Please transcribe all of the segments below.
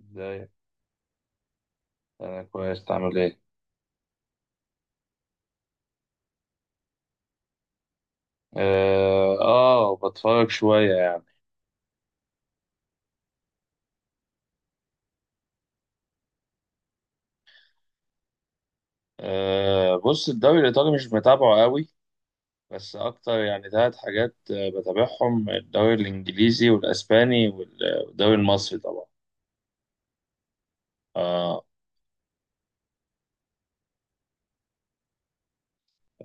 ازاي. انا كويس، تعمل ايه؟ اه بتفرج شويه يعني. بص، الدوري الايطالي مش متابعه قوي. بس اكتر يعني ثلاث حاجات، بتابعهم: الدوري الانجليزي والاسباني والدوري المصري طبعا. اه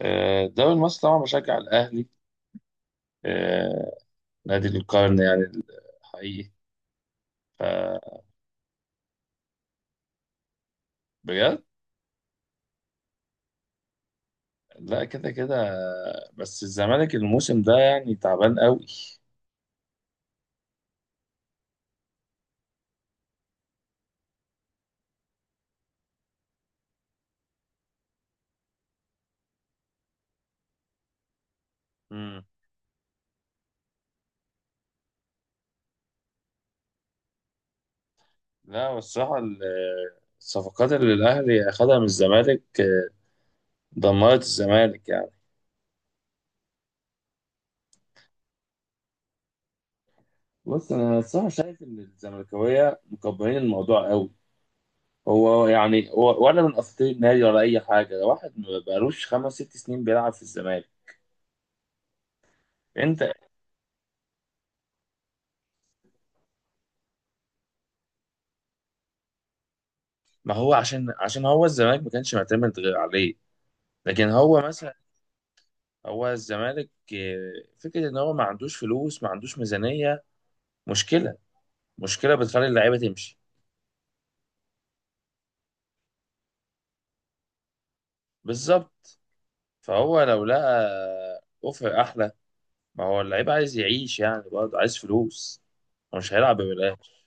آه، الدوري المصري طبعا بشجع الاهلي. آه نادي القرن يعني، حقيقي. ف بجد. لا، كده كده. بس الزمالك الموسم ده يعني تعبان قوي. لا، الصراحة الصفقات اللي الأهلي أخدها من الزمالك دمرت الزمالك يعني. بص، أنا الصراحة شايف إن الزملكاوية مكبرين الموضوع قوي. هو يعني هو ولا من أساطير النادي ولا أي حاجة، ده واحد ما بقالوش خمس ست سنين بيلعب في الزمالك. أنت. ما هو عشان هو الزمالك ما كانش معتمد غير عليه، لكن هو مثلا. هو الزمالك فكرة إن هو ما عندوش فلوس، ما عندوش ميزانية. مشكلة مشكلة بتخلي اللعيبة تمشي. بالظبط، فهو لو لقى اوفر احلى. ما هو اللعيب عايز يعيش يعني، برضه عايز فلوس، هو مش هيلعب ببلاش.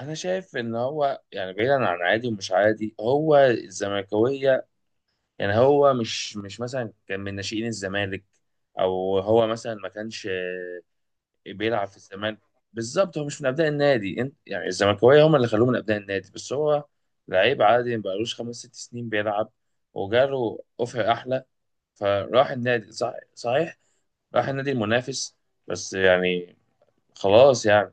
انا شايف ان هو يعني بعيدا عن عادي ومش عادي هو الزملكاويه. يعني هو مش مثلا كان من ناشئين الزمالك، او هو مثلا ما كانش بيلعب في الزمالك. بالظبط، هو مش من ابناء النادي، انت يعني الزملكاويه هم اللي خلوه من ابناء النادي، بس هو لعيب عادي ما بقالوش خمس ست سنين بيلعب، وجاله اوفر احلى، فراح النادي صحيح، راح النادي المنافس، بس يعني خلاص يعني.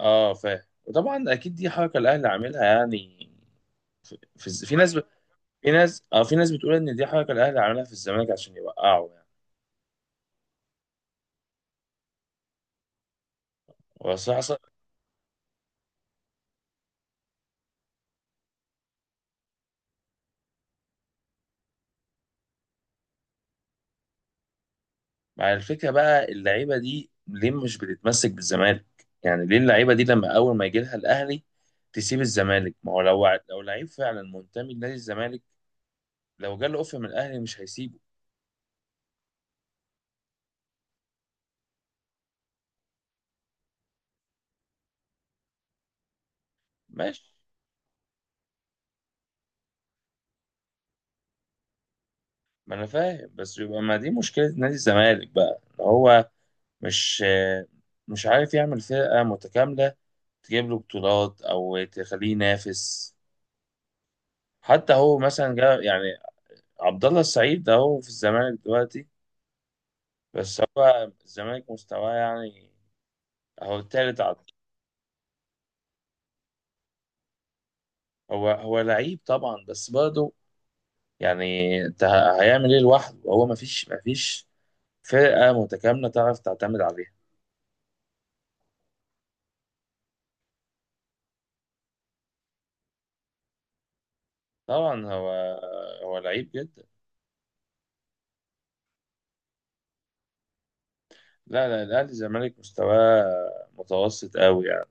اه فاهم، وطبعا اكيد دي حركه الاهلي عاملها يعني. في ناس في ناس بتقول ان دي حركه الاهلي عاملها في الزمالك عشان يوقعه يعني. وصراحه مع الفكره بقى، اللعيبه دي ليه مش بتتمسك بالزمالك؟ يعني ليه اللعيبه دي لما اول ما يجي لها الاهلي تسيب الزمالك؟ ما هو لو لعيب فعلا منتمي لنادي الزمالك، لو جاله اوفر من الاهلي مش هيسيبه. ماشي، ما انا فاهم، بس يبقى ما دي مشكله نادي الزمالك بقى، ان هو مش مش عارف يعمل فرقه متكامله تجيب له بطولات او تخليه ينافس. حتى هو مثلا جا يعني، عبد الله السعيد ده هو في الزمالك دلوقتي، بس هو الزمالك مستواه يعني هو التالت على. هو لعيب طبعا، بس برضه يعني انت هيعمل ايه لوحده؟ هو ما فيش فرقه متكامله تعرف تعتمد عليها. طبعا هو لعيب جدا. لا لا، الزمالك مستواه متوسط قوي يعني.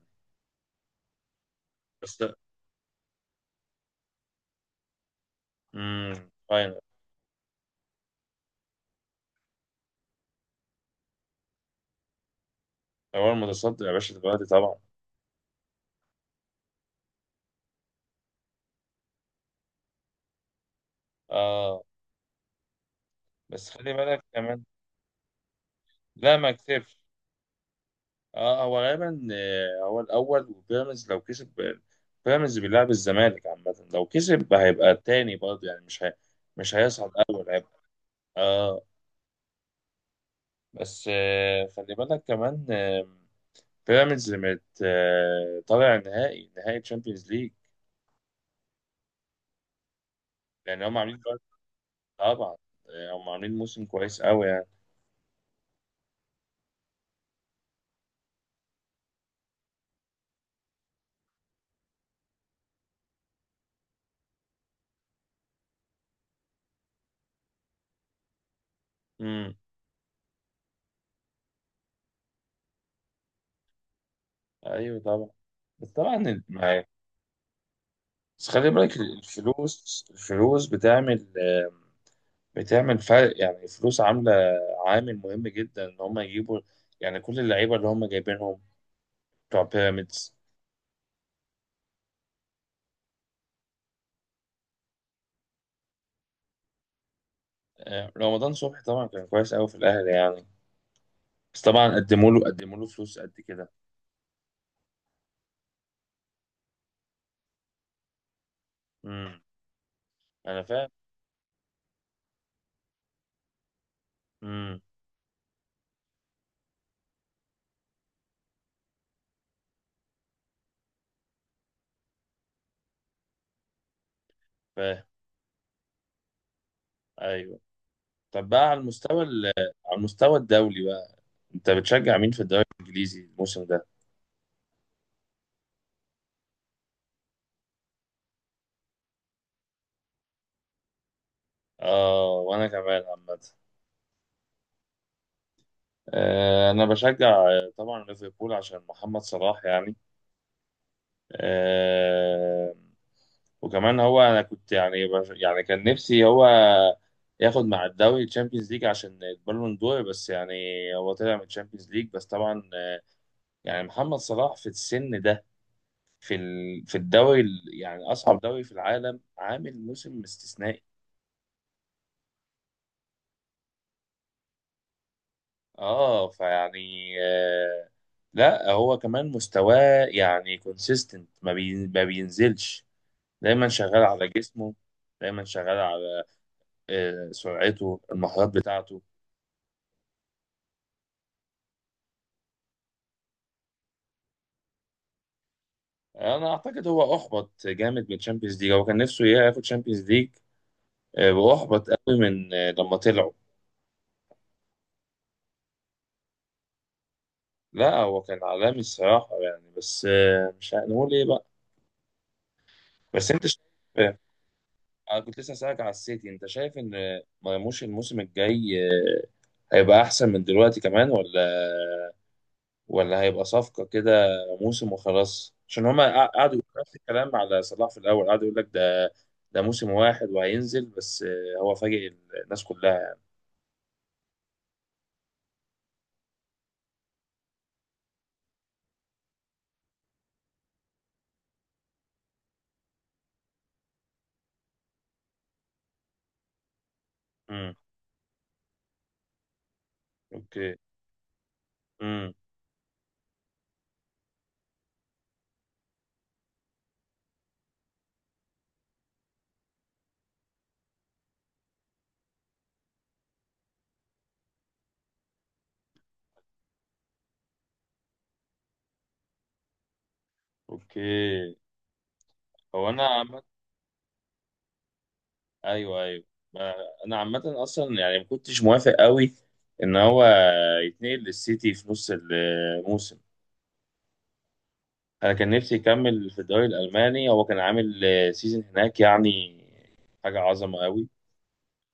بس امم فاينل. هو المتصدر يا باشا دلوقتي طبعا. اه، بس خلي بالك كمان. لا ما كسبش. اه هو غالبا، هو الاول، وبيراميدز لو كسب، بيراميدز بيلعب الزمالك عامه، لو كسب هيبقى التاني برضه يعني، مش هيصعد اول هيبقى. اه بس خلي بالك كمان، بيراميدز مت آه، طالع نهائي تشامبيونز ليج، لان هم عاملين. طبعا، هم عاملين موسم كويس قوي يعني. امم ايوه طبعا. بس طبعا بس خلي بالك، الفلوس بتعمل، بتعمل فرق يعني، الفلوس عامله عامل مهم جدا ان هم يجيبوا يعني كل اللعيبه اللي هم جايبينهم بتوع بيراميدز. رمضان صبحي طبعا كان كويس قوي في الاهلي يعني، بس طبعا قدموا له فلوس قد كده. امم انا فاهم. امم فاهم. ايوه. طب بقى على المستوى على المستوى الدولي بقى، انت بتشجع مين في الدوري الانجليزي الموسم ده؟ اه، وانا كمان عامه. انا بشجع، طبعا ليفربول عشان محمد صلاح يعني. آه وكمان هو انا كنت يعني يعني كان نفسي هو ياخد مع الدوري تشامبيونز ليج عشان البالون دور بس يعني. هو طلع من تشامبيونز ليج، بس طبعا، يعني محمد صلاح في السن ده، في الدوري يعني اصعب دوري في العالم، عامل موسم استثنائي. اه فيعني، لا هو كمان مستواه يعني كونسيستنت، ما بينزلش، دايما شغال على جسمه، دايما شغال على سرعته المهارات بتاعته. انا اعتقد هو احبط جامد من تشامبيونز ليج، هو كان نفسه ياخد تشامبيونز ليج، واحبط قوي من آه لما طلعوا. لا هو كان عالمي الصراحه يعني، بس مش هنقول ايه بقى. بس انت شايف، آه، انا كنت لسه هسألك على السيتي، انت شايف ان مرموش الموسم الجاي هيبقى احسن من دلوقتي كمان، ولا ولا هيبقى صفقة كده موسم وخلاص؟ عشان هما قعدوا يقولوا نفس الكلام على صلاح في الاول، قعدوا يقول لك ده ده موسم واحد وهينزل، بس هو فاجئ الناس كلها. امم اوكي. امم اوكي. هو انا عامة، ايوه ايوه، ما- انا عامة اصلا يعني ما كنتش موافق قوي ان هو يتنقل للسيتي في نص الموسم. انا كان نفسي يكمل في الدوري الالماني، هو كان عامل سيزون هناك يعني حاجه عظمه قوي.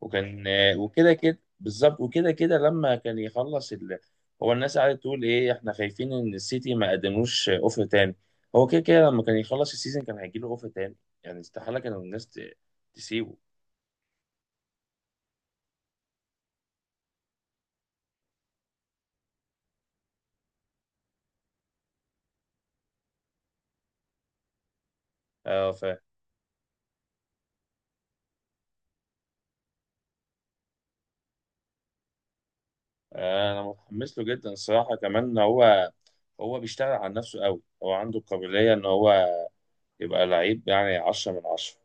وكان، وكده كده بالظبط، وكده كده لما كان يخلص هو الناس قاعده تقول ايه احنا خايفين ان السيتي ما قدموش اوفر تاني، هو كده كده لما كان يخلص السيزون كان هيجي له اوفر تاني، يعني استحاله كانوا الناس تسيبه. اه انا متحمس له جدا الصراحه، كمان هو هو بيشتغل على نفسه قوي، هو عنده القابليه ان هو يبقى لعيب يعني 10 من 10